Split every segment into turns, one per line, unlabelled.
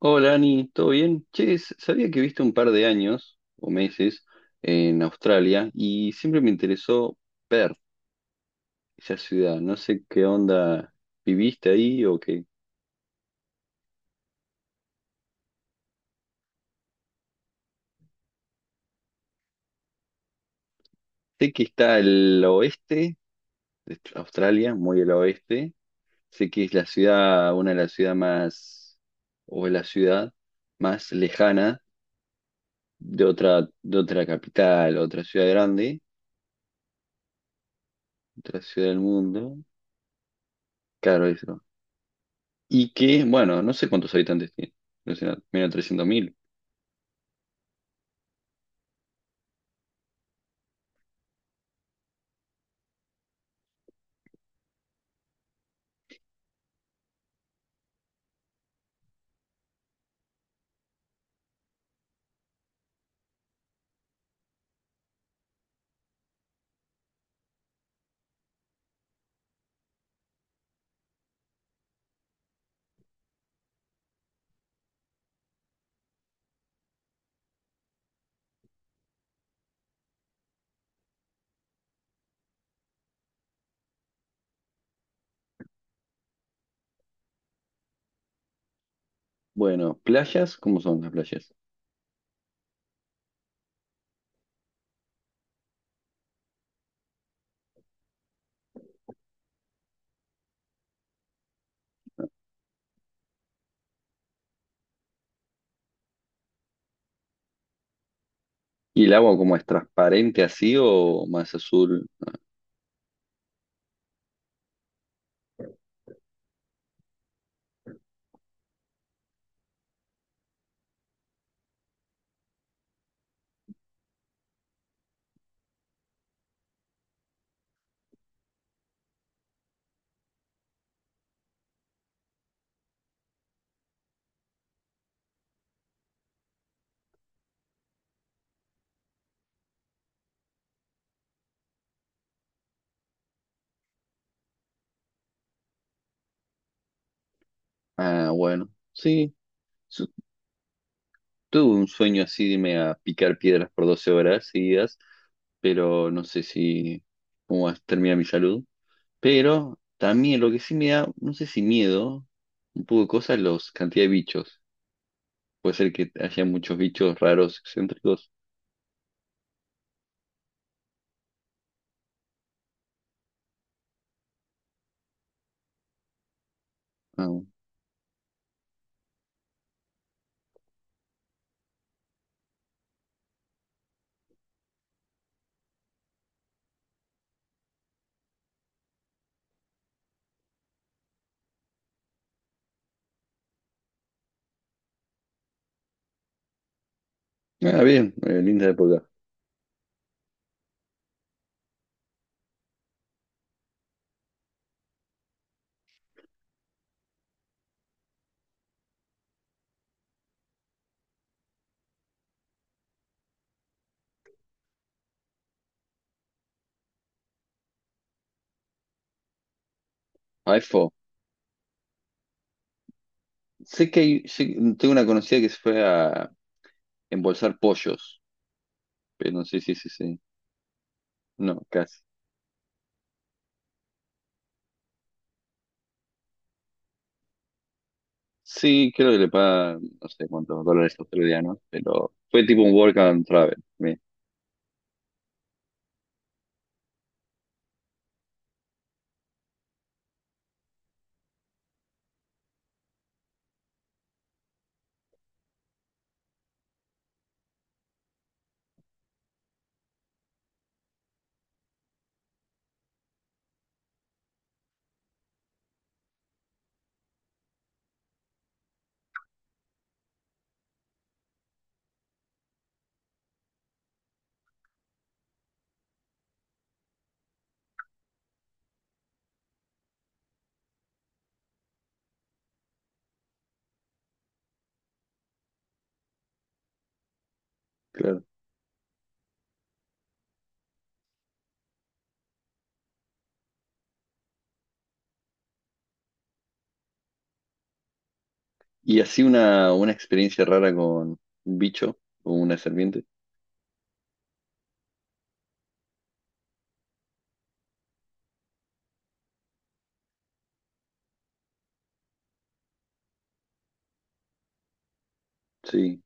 Hola Ani, ¿todo bien? Che, sabía que viste un par de años o meses en Australia y siempre me interesó ver esa ciudad. No sé qué onda viviste ahí o qué. Sé que está al oeste de Australia, muy al oeste. Sé que es la ciudad, una de las ciudades más, o la ciudad más lejana de otra capital, otra ciudad grande, otra ciudad del mundo. Claro, eso. Y que, bueno, no sé cuántos habitantes tiene. Debe ser menos 300.000. Bueno, playas, ¿cómo son las playas? ¿Y el agua como es, transparente así o más azul? Ah, bueno, sí. Su- Tuve un sueño así de irme a picar piedras por 12 horas seguidas, pero no sé si cómo va a terminar mi salud. Pero también lo que sí me da, no sé si miedo, un poco de cosas, los cantidad de bichos. Puede ser que haya muchos bichos raros, excéntricos. Ah, bueno. Ah, bien, linda época. iPhone. Sé que hay, tengo una conocida que se fue a embolsar pollos, pero no sé, si sí, sí. No, casi. Sí, creo que le paga, no sé cuántos dólares australianos, pero fue tipo un work and travel. Bien, claro. Y así una experiencia rara con un bicho o una serpiente. Sí.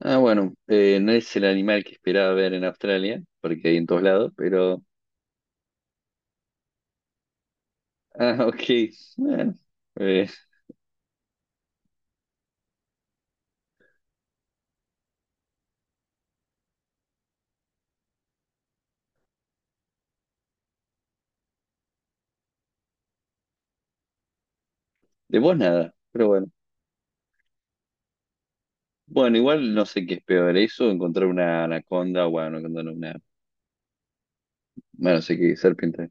Ah, bueno, no es el animal que esperaba ver en Australia, porque hay en todos lados, pero... Ah, ok. Bueno, eh, de vos nada, pero bueno. Bueno, igual no sé qué es peor, eso, encontrar una anaconda, bueno, anaconda no, una, bueno, no sé qué, serpiente.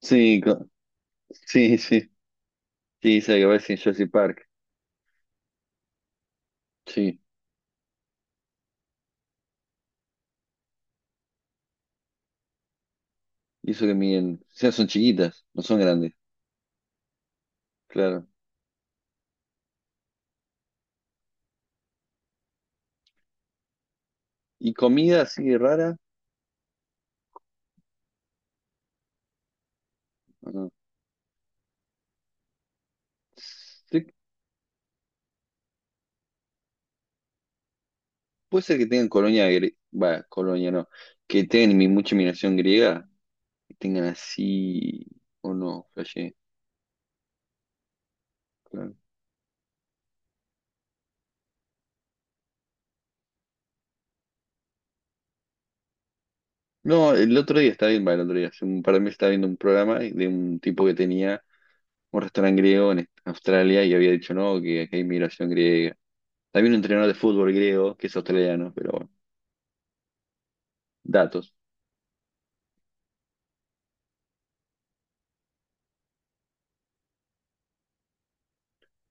Sí, sí, sí, sí, se que aparece en Jurassic Park, sí, y eso que miden, o sea, son chiquitas, no son grandes, claro. ¿Y comida así rara? ¿O no? Sí, puede ser que tengan colonia, va, colonia no, que tengan mucha inmigración griega, que tengan así, o no, flashé, claro. No, el otro día estaba viendo, bueno, el otro día, hace un par de meses estaba viendo un programa de un tipo que tenía un restaurante griego en Australia y había dicho, no, que acá hay inmigración griega. También un entrenador de fútbol griego que es australiano, pero bueno, datos,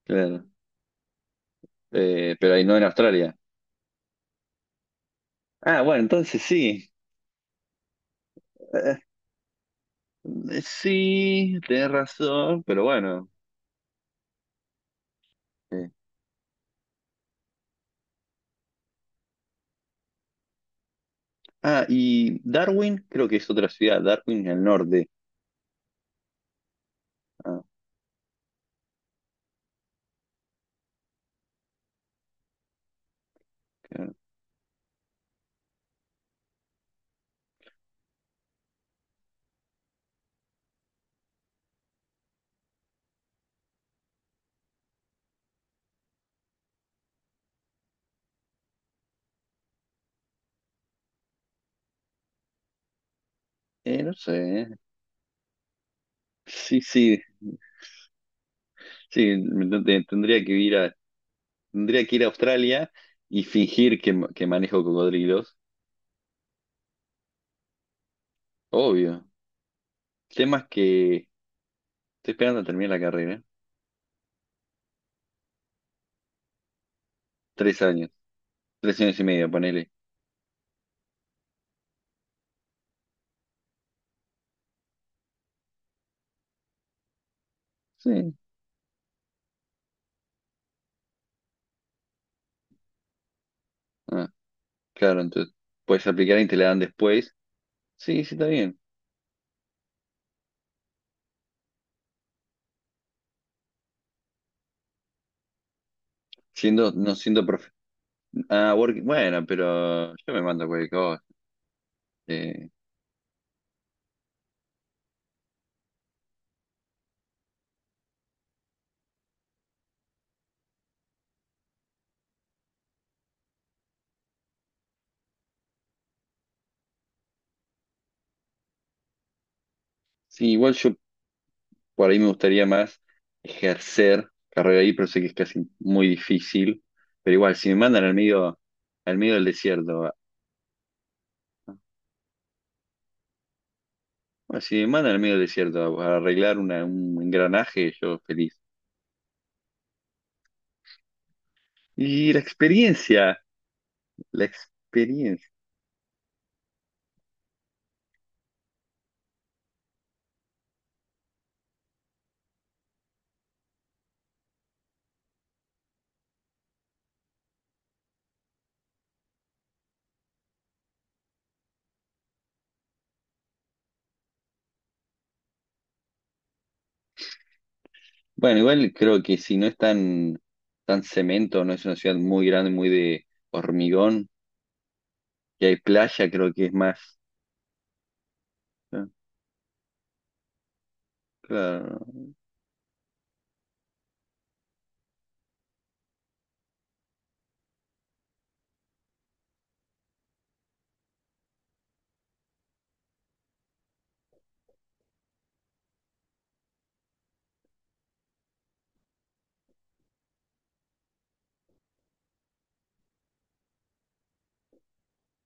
claro. Pero ahí no en Australia. Ah, bueno, entonces sí. Eh, sí, tenés razón, pero bueno. eh. Ah, y Darwin, creo que es otra ciudad, Darwin al norte. Ah, claro. No sé. Sí, sí. Sí, tendría que ir a, Australia y fingir que, que manejo cocodrilos. Obvio. El tema es que estoy esperando a terminar la carrera. 3 años. 3 años y medio, ponele. Sí. Ah, claro, entonces. Puedes aplicar y te la dan después. Sí, sí, está bien. Siendo, no siendo profe. Ah, bueno, pero yo me mando cualquier cosa. Eh, sí, igual yo por ahí me gustaría más ejercer carrera ahí, pero sé que es casi muy difícil. Pero igual, si me mandan al medio del desierto, bueno, si me mandan al medio del desierto a arreglar un engranaje, yo feliz. Y la experiencia, la experiencia. Bueno, igual creo que si no es tan cemento, no es una ciudad muy grande, muy de hormigón, y hay playa, creo que es más. eh, Claro.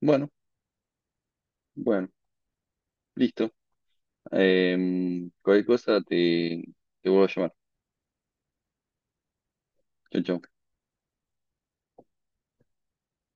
Bueno, bueno, listo. Cualquier cosa te vuelvo a llamar. Chao, chao.